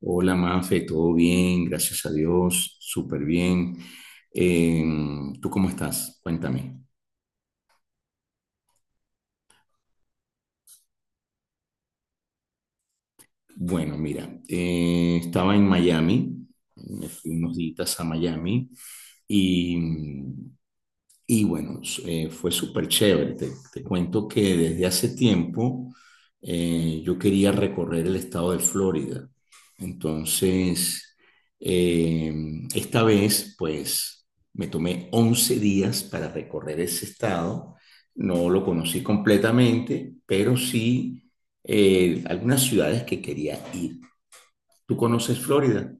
Hola Mafe, todo bien, gracias a Dios, súper bien. Eh, ¿Tú cómo estás? Cuéntame. Bueno, mira, estaba en Miami, me fui unos días a Miami y, y bueno, fue súper chévere. Te cuento que desde hace tiempo yo quería recorrer el estado de Florida. Entonces, eh, esta vez, pues, me tomé 11 días para recorrer ese estado. No lo conocí completamente, pero sí algunas ciudades que quería ir. ¿Tú conoces Florida?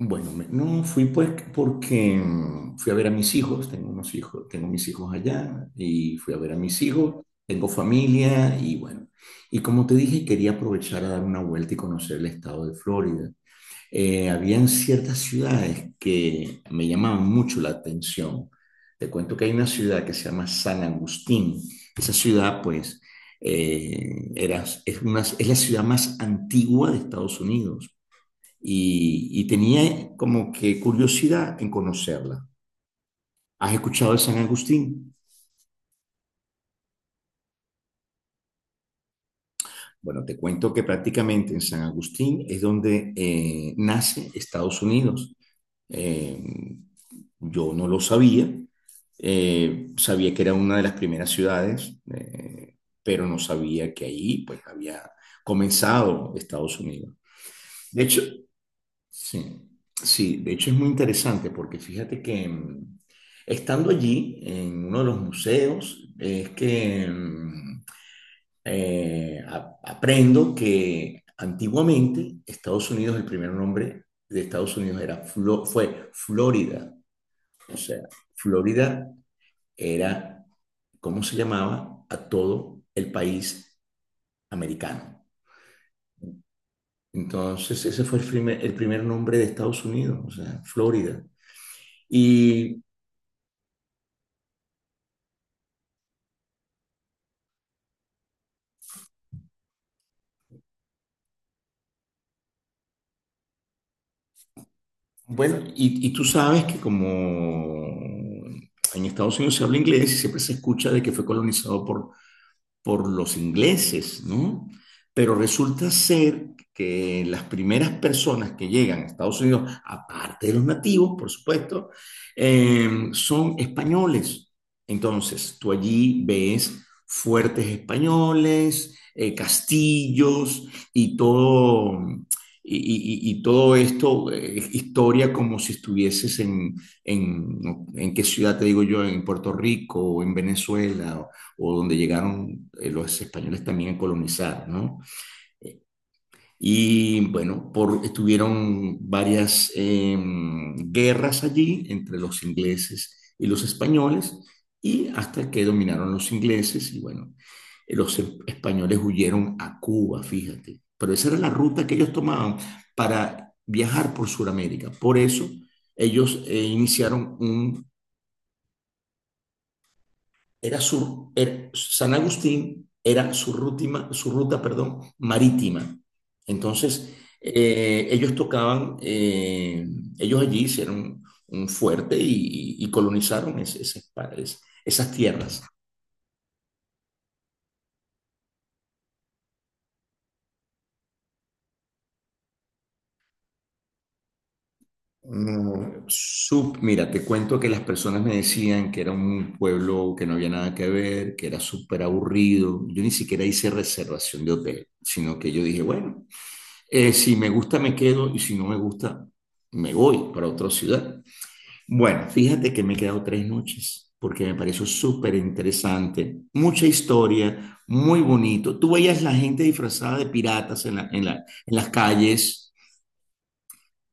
Bueno, no fui pues porque fui a ver a mis hijos, tengo unos hijos, tengo mis hijos allá y fui a ver a mis hijos, tengo familia y bueno, y como te dije, quería aprovechar a dar una vuelta y conocer el estado de Florida. Habían ciertas ciudades que me llamaban mucho la atención. Te cuento que hay una ciudad que se llama San Agustín. Esa ciudad, pues, es la ciudad más antigua de Estados Unidos y tenía como que curiosidad en conocerla. ¿Has escuchado de San Agustín? Bueno, te cuento que prácticamente en San Agustín es donde nace Estados Unidos. Eh, yo no lo sabía, sabía que era una de las primeras ciudades, pero no sabía que ahí pues había comenzado Estados Unidos. De hecho, sí, sí, de hecho es muy interesante porque fíjate que estando allí en uno de los museos es que aprendo que antiguamente Estados Unidos, el primer nombre de Estados Unidos era fue Florida. O sea, Florida era cómo se llamaba a todo el país americano. Entonces, ese fue el primer nombre de Estados Unidos, o sea, Florida. Y bueno, y tú sabes que como en Estados Unidos se habla inglés y siempre se escucha de que fue colonizado por los ingleses, ¿no? Pero resulta ser que las primeras personas que llegan a Estados Unidos, aparte de los nativos, por supuesto, son españoles. Entonces, tú allí ves fuertes españoles, castillos y todo, y, y todo esto, historia como si estuvieses en, ¿en qué ciudad te digo yo? En Puerto Rico o en Venezuela o donde llegaron los españoles también a colonizar, ¿no? Y bueno, por, estuvieron varias guerras allí entre los ingleses y los españoles, y hasta que dominaron los ingleses, y bueno, españoles huyeron a Cuba, fíjate. Pero esa era la ruta que ellos tomaban para viajar por Sudamérica. Por eso ellos iniciaron un San Agustín era su ruta, perdón, marítima. Entonces, ellos tocaban, ellos allí hicieron un fuerte y colonizaron esas tierras. Sub, mira, te cuento que las personas me decían que era un pueblo que no había nada que ver, que era súper aburrido. Yo ni siquiera hice reservación de hotel, sino que yo dije, bueno, eh, si me gusta, me quedo y si no me gusta, me voy para otra ciudad. Bueno, fíjate que me he quedado 3 noches porque me pareció súper interesante, mucha historia, muy bonito. Tú veías la gente disfrazada de piratas en las calles,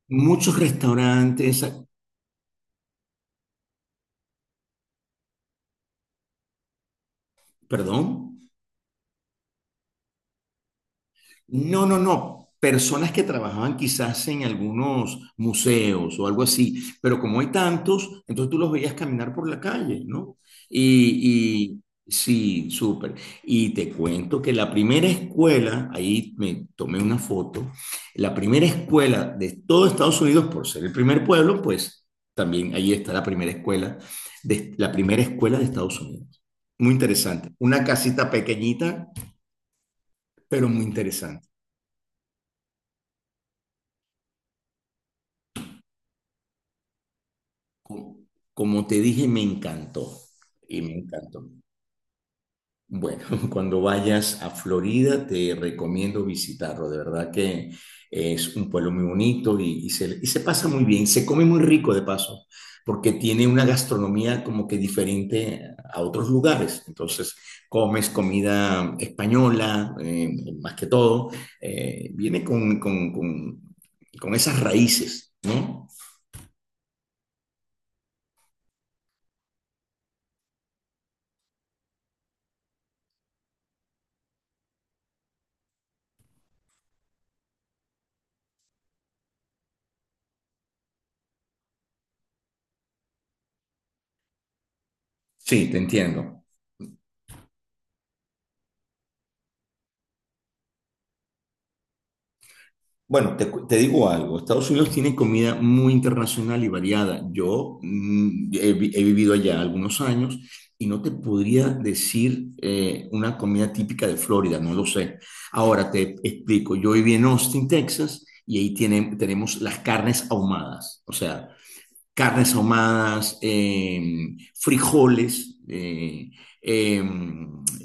muchos restaurantes, perdón. No, no, no. Personas que trabajaban quizás en algunos museos o algo así, pero como hay tantos, entonces tú los veías caminar por la calle, ¿no? Y, y sí, súper. Y te cuento que la primera escuela, ahí me tomé una foto, la primera escuela de todo Estados Unidos, por ser el primer pueblo, pues también ahí está la primera escuela, la primera escuela de Estados Unidos. Muy interesante. Una casita pequeñita, pero muy interesante. Como, como te dije, me encantó y me encantó. Bueno, cuando vayas a Florida te recomiendo visitarlo, de verdad que es un pueblo muy bonito y se pasa muy bien, se come muy rico de paso, porque tiene una gastronomía como que diferente a otros lugares. Entonces, comes comida española, más que todo, viene con esas raíces, ¿no? Sí, te entiendo. Bueno, te digo algo, Estados Unidos tiene comida muy internacional y variada. Yo he vivido allá algunos años y no te podría decir una comida típica de Florida, no lo sé. Ahora te explico, yo viví en Austin, Texas, y ahí tenemos las carnes ahumadas. O sea, carnes ahumadas, frijoles, eh,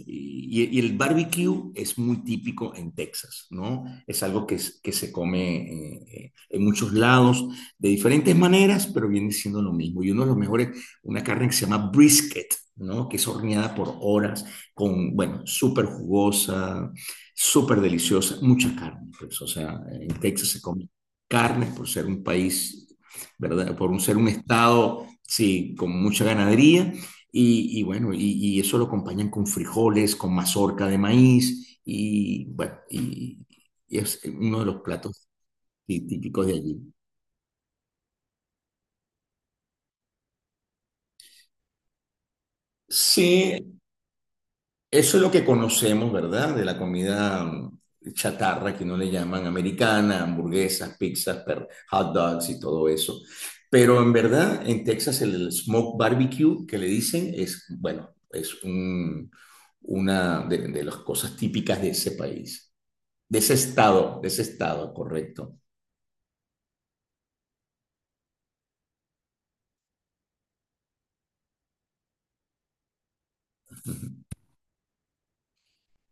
y el barbecue es muy típico en Texas, ¿no? Es algo que, que se come en muchos lados de diferentes maneras, pero viene siendo lo mismo. Y uno de los mejores, una carne que se llama brisket, ¿no? Que es horneada por horas, con, bueno, súper jugosa, súper deliciosa, mucha carne, pues, o sea, en Texas se come carne por ser un país, ¿verdad? Ser un Estado, sí, con mucha ganadería. Y bueno, eso lo acompañan con frijoles, con mazorca de maíz, y bueno, y es uno de los platos típicos de allí. Sí, eso es lo que conocemos, ¿verdad? De la comida chatarra, que no le llaman americana, hamburguesas, pizzas, hot dogs y todo eso. Pero en verdad, en Texas el smoke barbecue que le dicen es, bueno, una de las cosas típicas de ese país, de ese estado, correcto.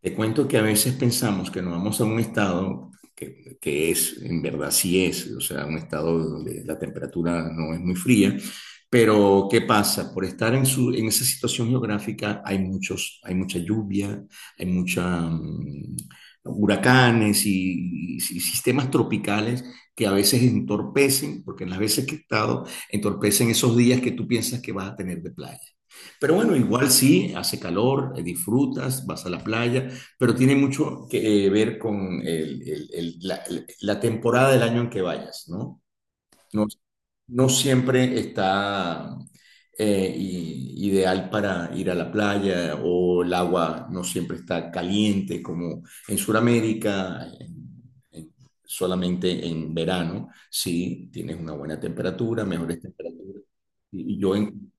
Te cuento que a veces pensamos que nos vamos a un estado que es, en verdad sí es, o sea, un estado donde la temperatura no es muy fría, pero ¿qué pasa? Por estar en esa situación geográfica hay mucha lluvia, hay mucha... huracanes y sistemas tropicales que a veces entorpecen, porque en las veces que he estado, entorpecen esos días que tú piensas que vas a tener de playa. Pero bueno, igual sí, hace calor, disfrutas, vas a la playa, pero tiene mucho que ver con la temporada del año en que vayas, ¿no? No, no siempre está ideal para ir a la playa o el agua no siempre está caliente como en Sudamérica, en- solamente en verano, sí, tienes una buena temperatura, mejores temperaturas. Y y yo en-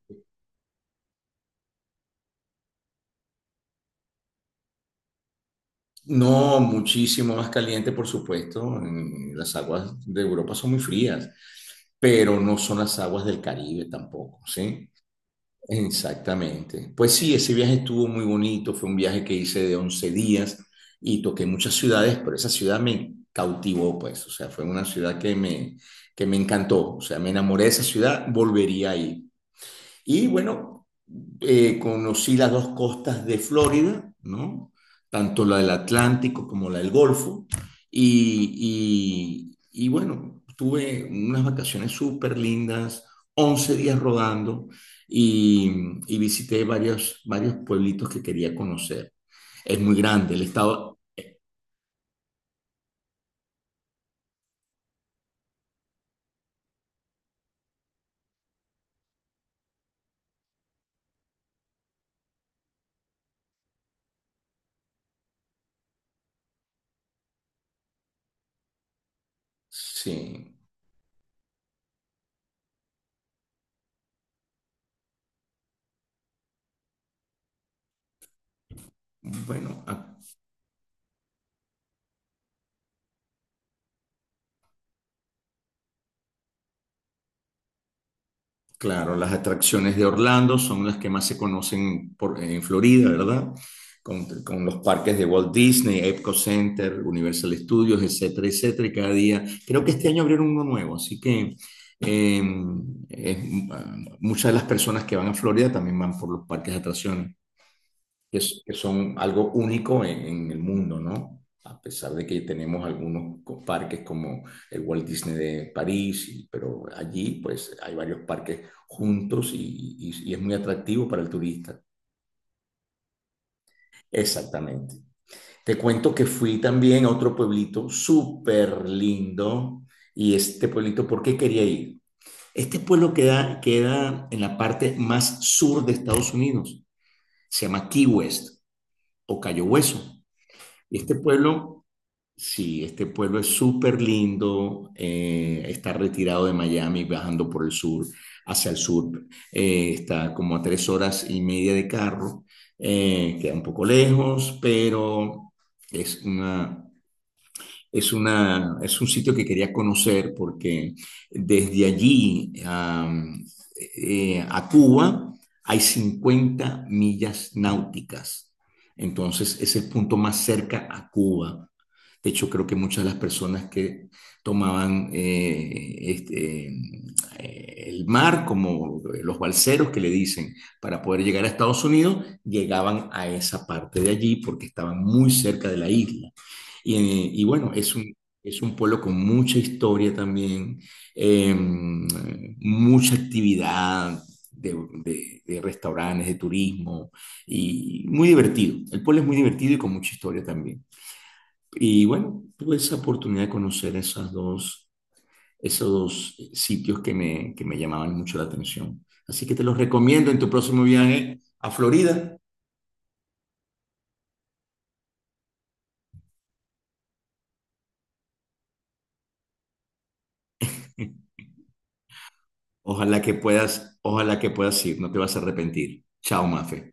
No, muchísimo más caliente, por supuesto. Las aguas de Europa son muy frías, pero no son las aguas del Caribe tampoco, ¿sí? Exactamente. Pues sí, ese viaje estuvo muy bonito, fue un viaje que hice de 11 días y toqué muchas ciudades, pero esa ciudad me cautivó, pues, o sea, fue una ciudad que me encantó, o sea, me enamoré de esa ciudad, volvería ahí. Y bueno, conocí las dos costas de Florida, ¿no? Tanto la del Atlántico como la del Golfo. Y bueno, tuve unas vacaciones súper lindas, 11 días rodando y, y visité varios pueblitos que quería conocer. Es muy grande el estado. Sí, bueno, a- claro, las atracciones de Orlando son las que más se conocen en Florida, ¿verdad? Con los parques de Walt Disney, Epcot Center, Universal Studios, etcétera, etcétera. Y cada día, creo que este año abrieron uno nuevo, así que eh, es- muchas de las personas que van a Florida también van por los parques de atracciones que son algo único en el mundo, ¿no? A pesar de que tenemos algunos parques como el Walt Disney de París, pero allí pues hay varios parques juntos y es muy atractivo para el turista. Exactamente. Te cuento que fui también a otro pueblito súper lindo y este pueblito, ¿por qué quería ir? Este pueblo queda en la parte más sur de Estados Unidos. Se llama Key West o Cayo Hueso. Y este pueblo sí, este pueblo es súper lindo, está retirado de Miami, bajando por el sur, hacia el sur, está como a 3 horas y media de carro, queda un poco lejos, pero es una, es un sitio que quería conocer porque desde allí a Cuba hay 50 millas náuticas, entonces es el punto más cerca a Cuba. De hecho, creo que muchas de las personas que tomaban el mar, como los balseros que le dicen, para poder llegar a Estados Unidos, llegaban a esa parte de allí porque estaban muy cerca de la isla. Y bueno, es un pueblo con mucha historia también, mucha actividad de, de restaurantes, de turismo, y muy divertido. El pueblo es muy divertido y con mucha historia también. Y bueno, tuve esa oportunidad de conocer esos dos sitios que me llamaban mucho la atención. Así que te los recomiendo en tu próximo viaje a Florida. Ojalá que puedas ir, no te vas a arrepentir. Chao, Mafe.